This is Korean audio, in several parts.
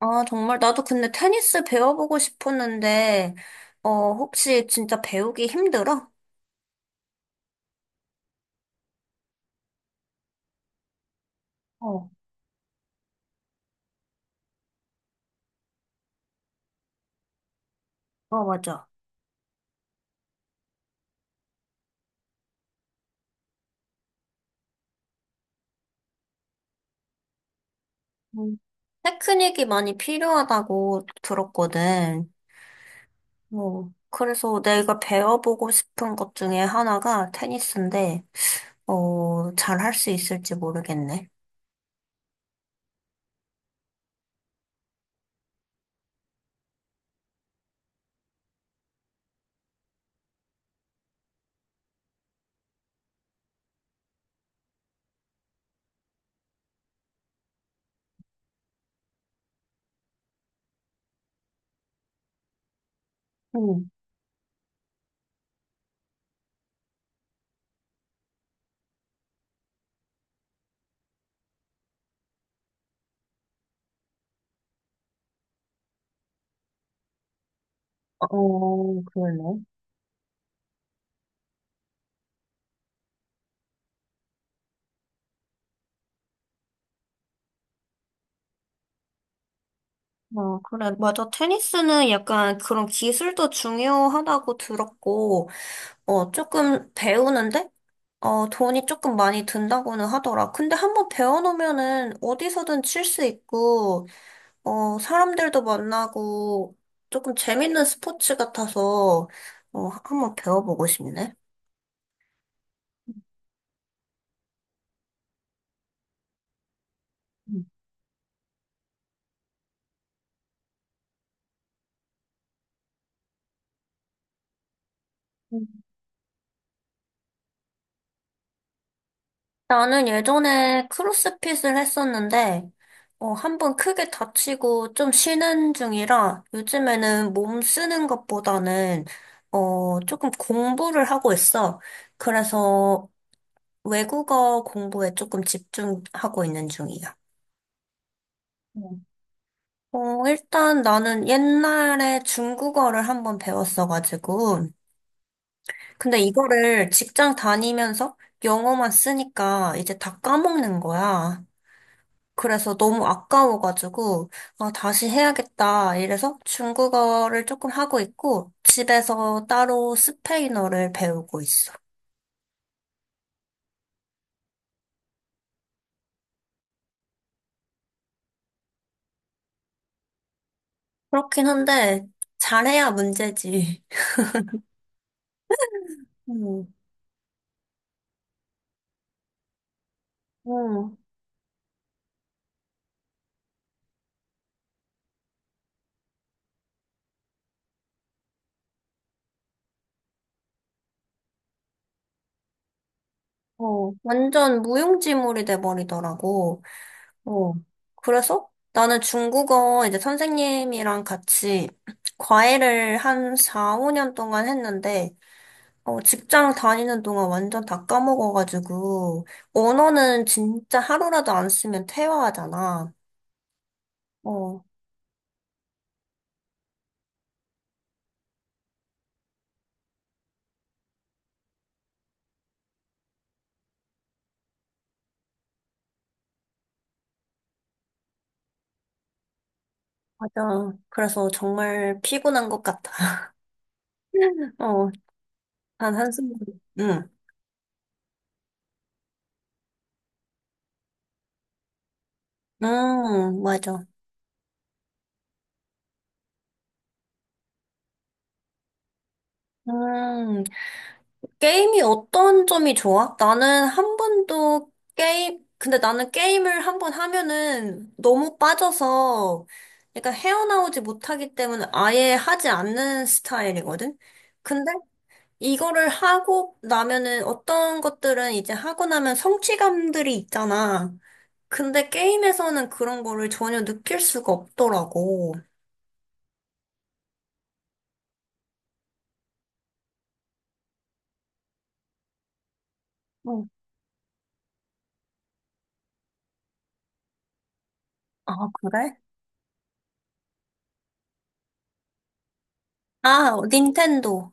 아, 정말. 나도 근데 테니스 배워보고 싶었는데, 어, 혹시 진짜 배우기 힘들어? 어, 어, 맞아. 음, 테크닉이 많이 필요하다고 들었거든. 뭐, 그래서 내가 배워보고 싶은 것 중에 하나가 테니스인데, 잘 할 수 있을지 모르겠네. 응. 어, 그러네. 어, 그래. 맞아. 테니스는 약간 그런 기술도 중요하다고 들었고, 조금 배우는데 돈이 조금 많이 든다고는 하더라. 근데 한번 배워놓으면은 어디서든 칠 수 있고, 사람들도 만나고, 조금 재밌는 스포츠 같아서, 한번 배워보고 싶네. 음. 음. 나는 예전에 크로스핏을 했었는데, 한번 크게 다치고 좀 쉬는 중이라 요즘에는 몸 쓰는 것보다는, 조금 공부를 하고 있어. 그래서 외국어 공부에 조금 집중하고 있는 중이야. 음. 일단 나는 옛날에 중국어를 한번 배웠어가지고, 근데 이거를 직장 다니면서 영어만 쓰니까 이제 다 까먹는 거야. 그래서 너무 아까워가지고, 아, 다시 해야겠다. 이래서 중국어를 조금 하고 있고, 집에서 따로 스페인어를 배우고 있어. 그렇긴 한데, 잘해야 문제지. 음. 음. 어, 완전 무용지물이 돼버리더라고. 어, 그래서 나는 중국어 이제 선생님이랑 같이 과외를 한 4, 5년 동안 했는데, 직장 다니는 동안 완전 다 까먹어가지고, 언어는 진짜 하루라도 안 쓰면 퇴화하잖아. 어, 맞아. 그래서 정말 피곤한 것 같아. 어, 난 한숨, 응, 맞아. 음, 게임이 어떤 점이 좋아? 나는 한 번도 게임, 근데 나는 게임을 한 번 하면은 너무 빠져서 약간 헤어나오지 못하기 때문에 아예 하지 않는 스타일이거든? 근데 이거를 하고 나면은 어떤 것들은 이제 하고 나면 성취감들이 있잖아. 근데 게임에서는 그런 거를 전혀 느낄 수가 없더라고. 응. 아, 그래? 아, 닌텐도.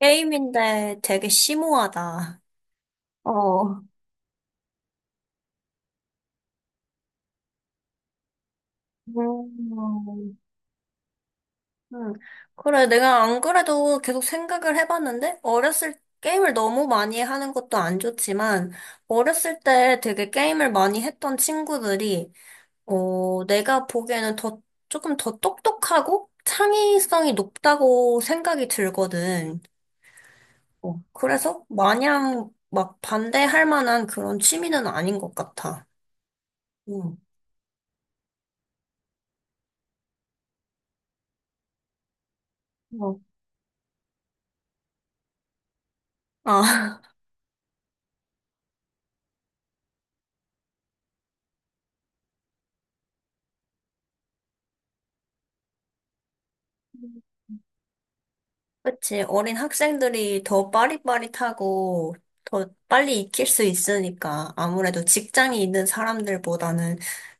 게임인데 되게 심오하다. 어. 음. 음. 그래, 내가 안 그래도 계속 생각을 해봤는데, 어렸을, 게임을 너무 많이 하는 것도 안 좋지만, 어렸을 때 되게 게임을 많이 했던 친구들이, 내가 보기에는 더, 조금 더 똑똑하고 창의성이 높다고 생각이 들거든. 어, 그래서 마냥 막 반대할 만한 그런 취미는 아닌 것 같아. 음. 어. 아. 그치. 어린 학생들이 더 빠릿빠릿하고 더 빨리 익힐 수 있으니까 아무래도 직장이 있는 사람들보다는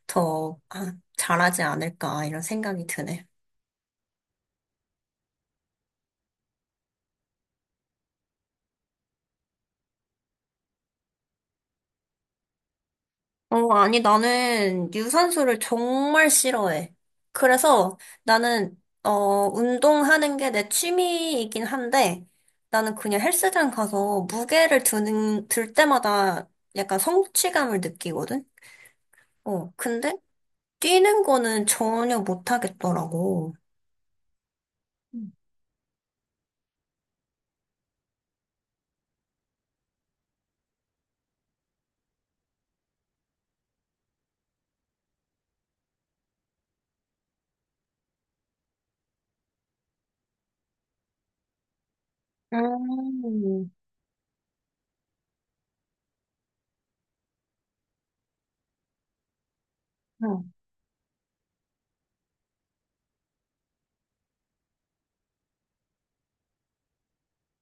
더 아, 잘하지 않을까 이런 생각이 드네. 어, 아니, 나는 유산소를 정말 싫어해. 그래서 나는, 운동하는 게 내 취미이긴 한데 나는 그냥 헬스장 가서 무게를 드는, 들 때마다 약간 성취감을 느끼거든? 어, 근데 뛰는 거는 전혀 못 하겠더라고. 음. 음. 음.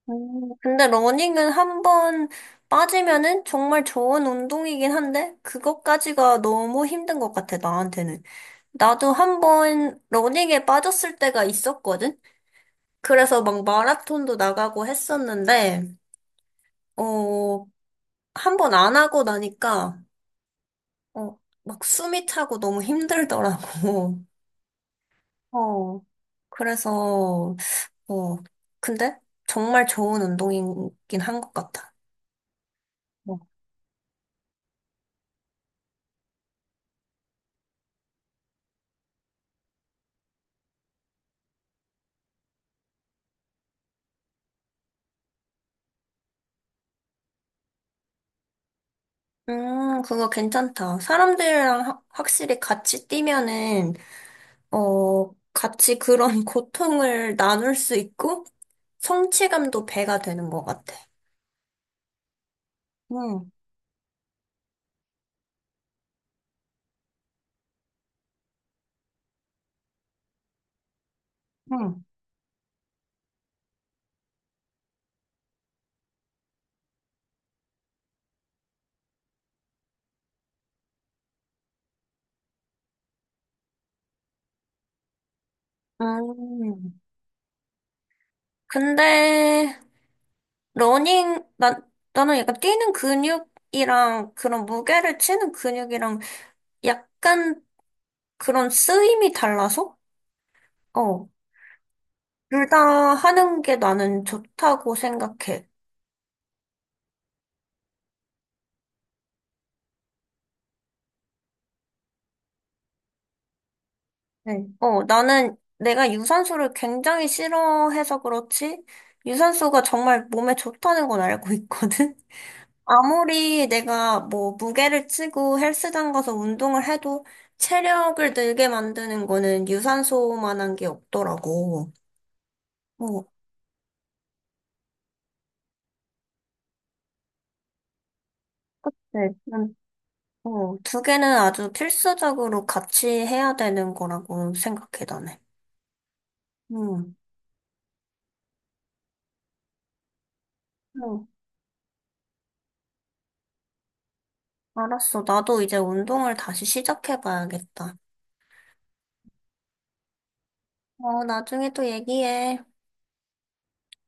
근데 러닝은 한 번 빠지면은 정말 좋은 운동이긴 한데, 그것까지가 너무 힘든 것 같아, 나한테는. 나도 한 번 러닝에 빠졌을 때가 있었거든? 그래서 막 마라톤도 나가고 했었는데, 어, 한 번 안 하고 나니까, 막 숨이 차고 너무 힘들더라고. 어, 그래서, 어, 근데 정말 좋은 운동이긴 한 것 같아. 어. 그거 괜찮다. 사람들이랑 하- 확실히 같이 뛰면은, 같이 그런 고통을 나눌 수 있고, 성취감도 배가 되는 것 같아. 응. 응. 음, 근데, 러닝, 나, 나는 약간 뛰는 근육이랑 그런 무게를 치는 근육이랑 약간 그런 쓰임이 달라서? 어, 둘 다 하는 게 나는 좋다고 생각해. 네. 어, 나는 내가 유산소를 굉장히 싫어해서 그렇지, 유산소가 정말 몸에 좋다는 건 알고 있거든? 아무리 내가 뭐 무게를 치고 헬스장 가서 운동을 해도 체력을 늘게 만드는 거는 유산소만한 게 없더라고. 어, 네. 난, 두 개는 아주 필수적으로 같이 해야 되는 거라고 생각해, 나는. 음. 음. 알았어. 나도 이제 운동을 다시 시작해봐야겠다. 어, 나중에 또 얘기해.